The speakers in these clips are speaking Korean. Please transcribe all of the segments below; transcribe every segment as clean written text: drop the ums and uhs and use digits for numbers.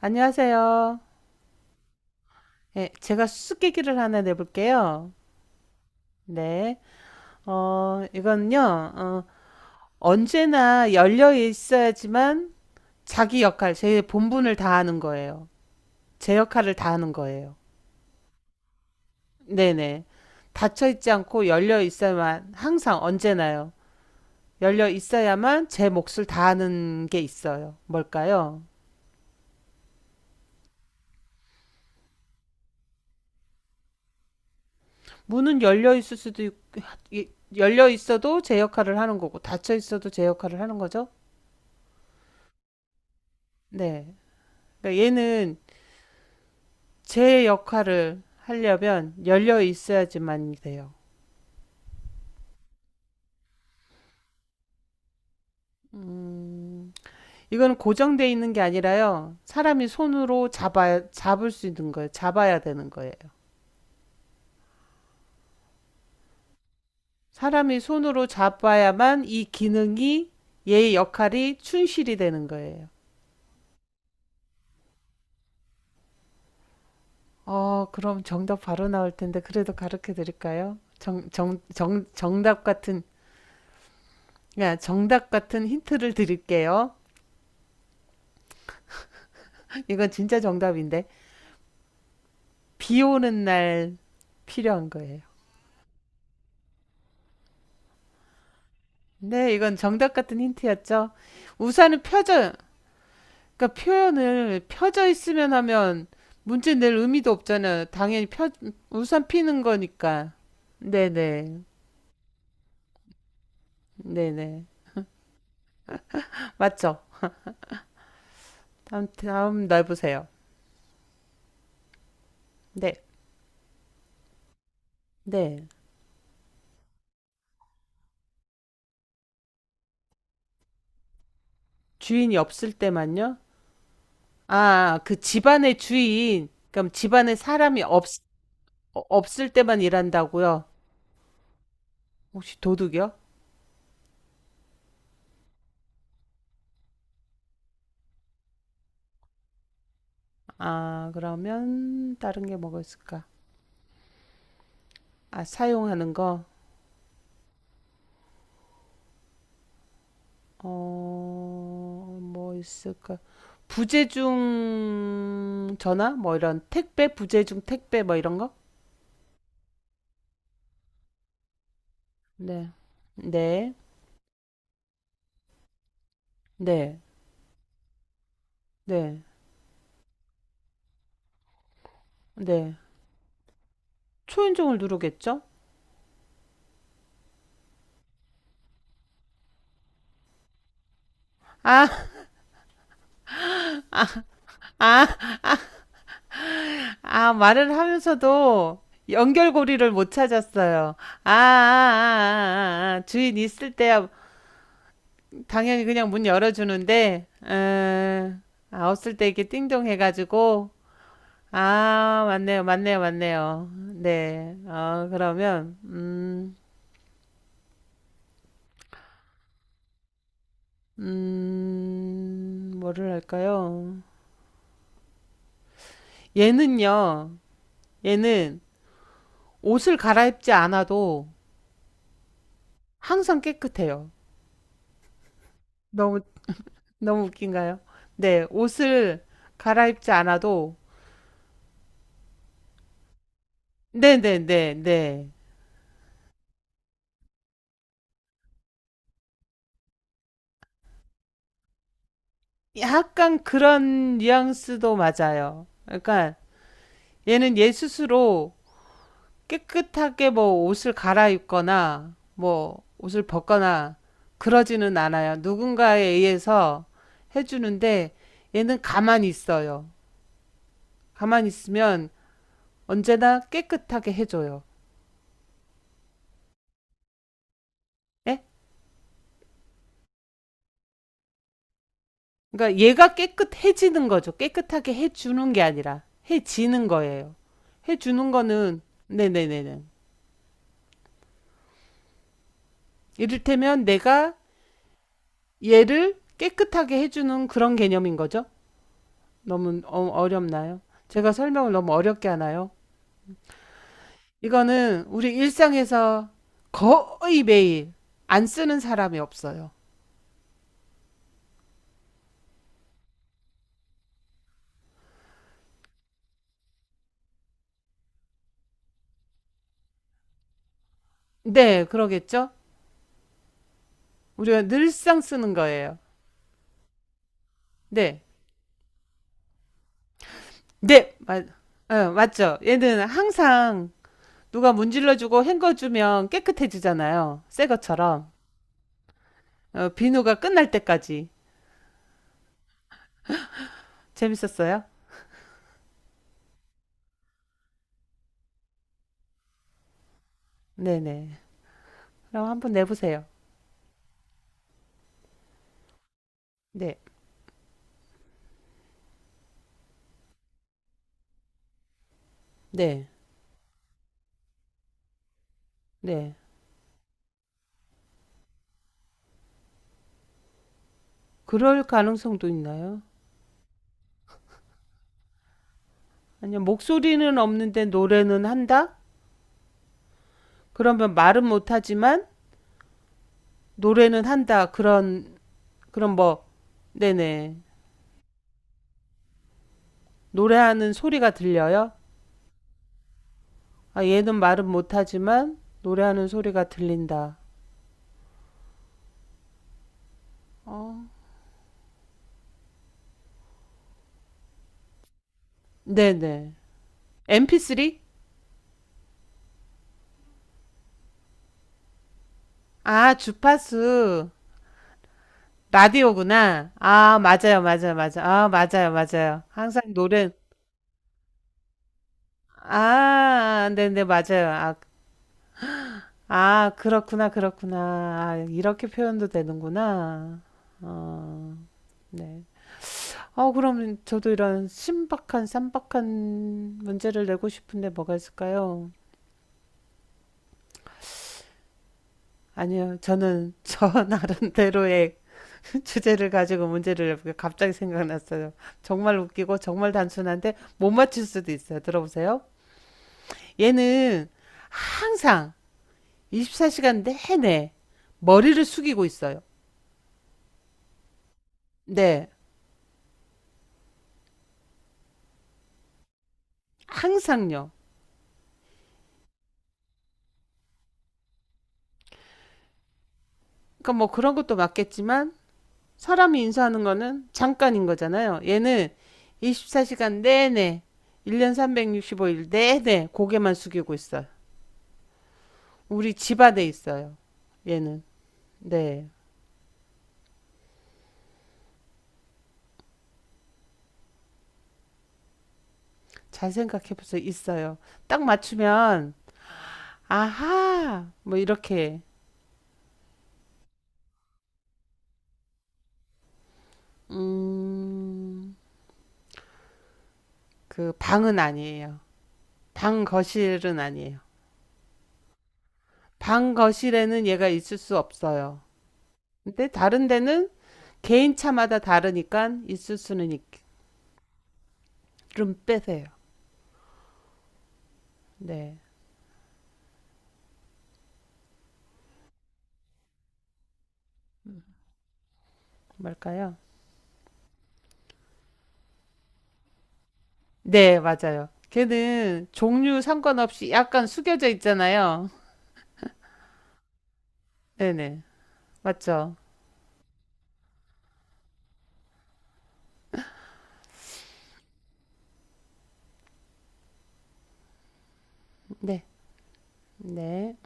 안녕하세요. 예, 제가 수수께끼를 하나 내볼게요. 네. 이건요, 언제나 열려 있어야지만 자기 역할, 제 본분을 다하는 거예요. 제 역할을 다하는 거예요. 네네. 닫혀 있지 않고 열려 있어야만, 항상 언제나요. 열려 있어야만 제 몫을 다하는 게 있어요. 뭘까요? 문은 열려 있을 수도 있, 열려 있어도 제 역할을 하는 거고, 닫혀 있어도 제 역할을 하는 거죠? 네. 그러니까 얘는 제 역할을 하려면 열려 있어야지만 돼요. 음, 이거는 고정돼 있는 게 아니라요. 사람이 손으로 잡아 잡을 수 있는 거예요. 잡아야 되는 거예요. 사람이 손으로 잡아야만 이 기능이 얘의 역할이 충실이 되는 거예요. 그럼 정답 바로 나올 텐데 그래도 가르쳐 드릴까요? 정답 같은 그냥 정답 같은 힌트를 드릴게요. 이건 진짜 정답인데 비 오는 날 필요한 거예요. 네, 이건 정답 같은 힌트였죠. 우산은 펴져, 그러니까 표현을 펴져 있으면 하면 문제 낼 의미도 없잖아요. 당연히 펴, 우산 피는 거니까. 네네, 네네. 맞죠? 다음 날 보세요. 네, 네. 주인이 없을 때만요? 아, 그 집안의 주인, 그럼 집안에 사람이 없, 없을 때만 일한다고요? 혹시 도둑이요? 아, 그러면 다른 게 뭐가 있을까? 아, 사용하는 거? 뭐 있을까? 부재중 전화? 뭐 이런 택배? 부재중 택배? 뭐 이런 거? 네. 네. 네. 네. 네. 초인종을 누르겠죠? 아, 아, 말을 하면서도 연결고리를 못 찾았어요. 아, 아, 아, 아, 아. 아, 아. 주인 있을 때야 당연히 그냥 문 열어주는데, 아, 없을 때 이렇게 띵동 해가지고, 아, 맞네요, 맞네요, 맞네요. 네. 아, 그러면, 뭐를 할까요? 얘는요, 얘는 옷을 갈아입지 않아도 항상 깨끗해요. 너무, 너무 웃긴가요? 네, 옷을 갈아입지 않아도, 네네네네. 약간 그런 뉘앙스도 맞아요. 그러니까 얘는 얘 스스로 깨끗하게 뭐 옷을 갈아입거나 뭐 옷을 벗거나 그러지는 않아요. 누군가에 의해서 해주는데 얘는 가만히 있어요. 가만히 있으면 언제나 깨끗하게 해줘요. 예? 그러니까 얘가 깨끗해지는 거죠. 깨끗하게 해주는 게 아니라 해지는 거예요. 해주는 거는 네네네네. 이를테면 내가 얘를 깨끗하게 해주는 그런 개념인 거죠. 너무 어렵나요? 제가 설명을 너무 어렵게 하나요? 이거는 우리 일상에서 거의 매일 안 쓰는 사람이 없어요. 네, 그러겠죠? 우리가 늘상 쓰는 거예요. 네, 네, 맞죠. 얘는 항상 누가 문질러주고 헹궈주면 깨끗해지잖아요. 새 것처럼. 비누가 끝날 때까지. 재밌었어요? 네네. 그럼 한번 내보세요. 네, 네, 네. 그럴 가능성도 있나요? 아니요, 목소리는 없는데 노래는 한다? 그러면 말은 못하지만 노래는 한다. 그런 뭐 네네. 노래하는 소리가 들려요? 아, 얘는 말은 못하지만 노래하는 소리가 들린다. 어. 네네. MP3? 아, 주파수. 라디오구나. 아, 맞아요, 맞아요, 맞아요. 아, 맞아요, 맞아요. 항상 노래, 아, 네네, 맞아요. 아, 아, 그렇구나, 그렇구나. 아, 이렇게 표현도 되는구나. 어, 네. 그럼 저도 이런 신박한, 쌈박한 문제를 내고 싶은데 뭐가 있을까요? 아니요, 저는 나름대로의 주제를 가지고 문제를 내볼게요. 갑자기 생각났어요. 정말 웃기고 정말 단순한데 못 맞출 수도 있어요. 들어보세요. 얘는 항상 24시간 내내 머리를 숙이고 있어요. 네, 항상요. 그러니까 뭐 그런 것도 맞겠지만 사람이 인수하는 거는 잠깐인 거잖아요. 얘는 24시간 내내 1년 365일 내내 고개만 숙이고 있어요. 우리 집 안에 있어요. 얘는. 네. 잘 생각해 보세요. 있어요. 딱 맞추면 아하 뭐 이렇게. 음. 그 방은 아니에요. 방 거실은 아니에요. 방 거실에는 얘가 있을 수 없어요. 근데 다른 데는 개인 차마다 다르니까 있을 수는 있. 좀 빼세요. 네, 뭘까요? 네, 맞아요. 걔는 종류 상관없이 약간 숙여져 있잖아요. 네네, 맞죠? 네, 네,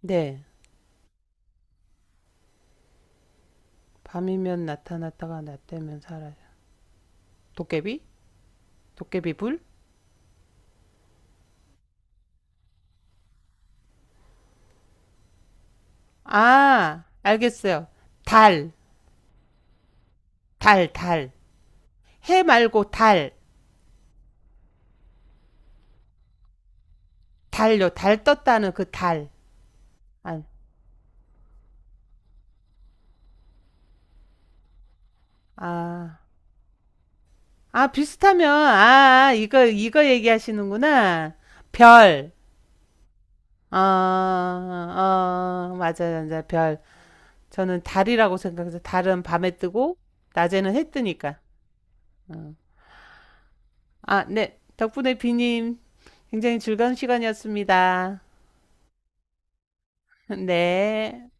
네. 밤이면 나타났다가 낮되면 사라져. 도깨비? 도깨비 불? 아, 알겠어요. 달, 달, 달. 해 말고 달, 달요. 달 떴다는 그 달. 아, 아, 아, 비슷하면, 아, 아, 이거 얘기하시는구나. 별, 아, 맞아요. 맞아, 별. 저는 달이라고 생각해서 달은 밤에 뜨고, 낮에는 해 뜨니까. 어. 아, 네. 덕분에 비님, 굉장히 즐거운 시간이었습니다. 네.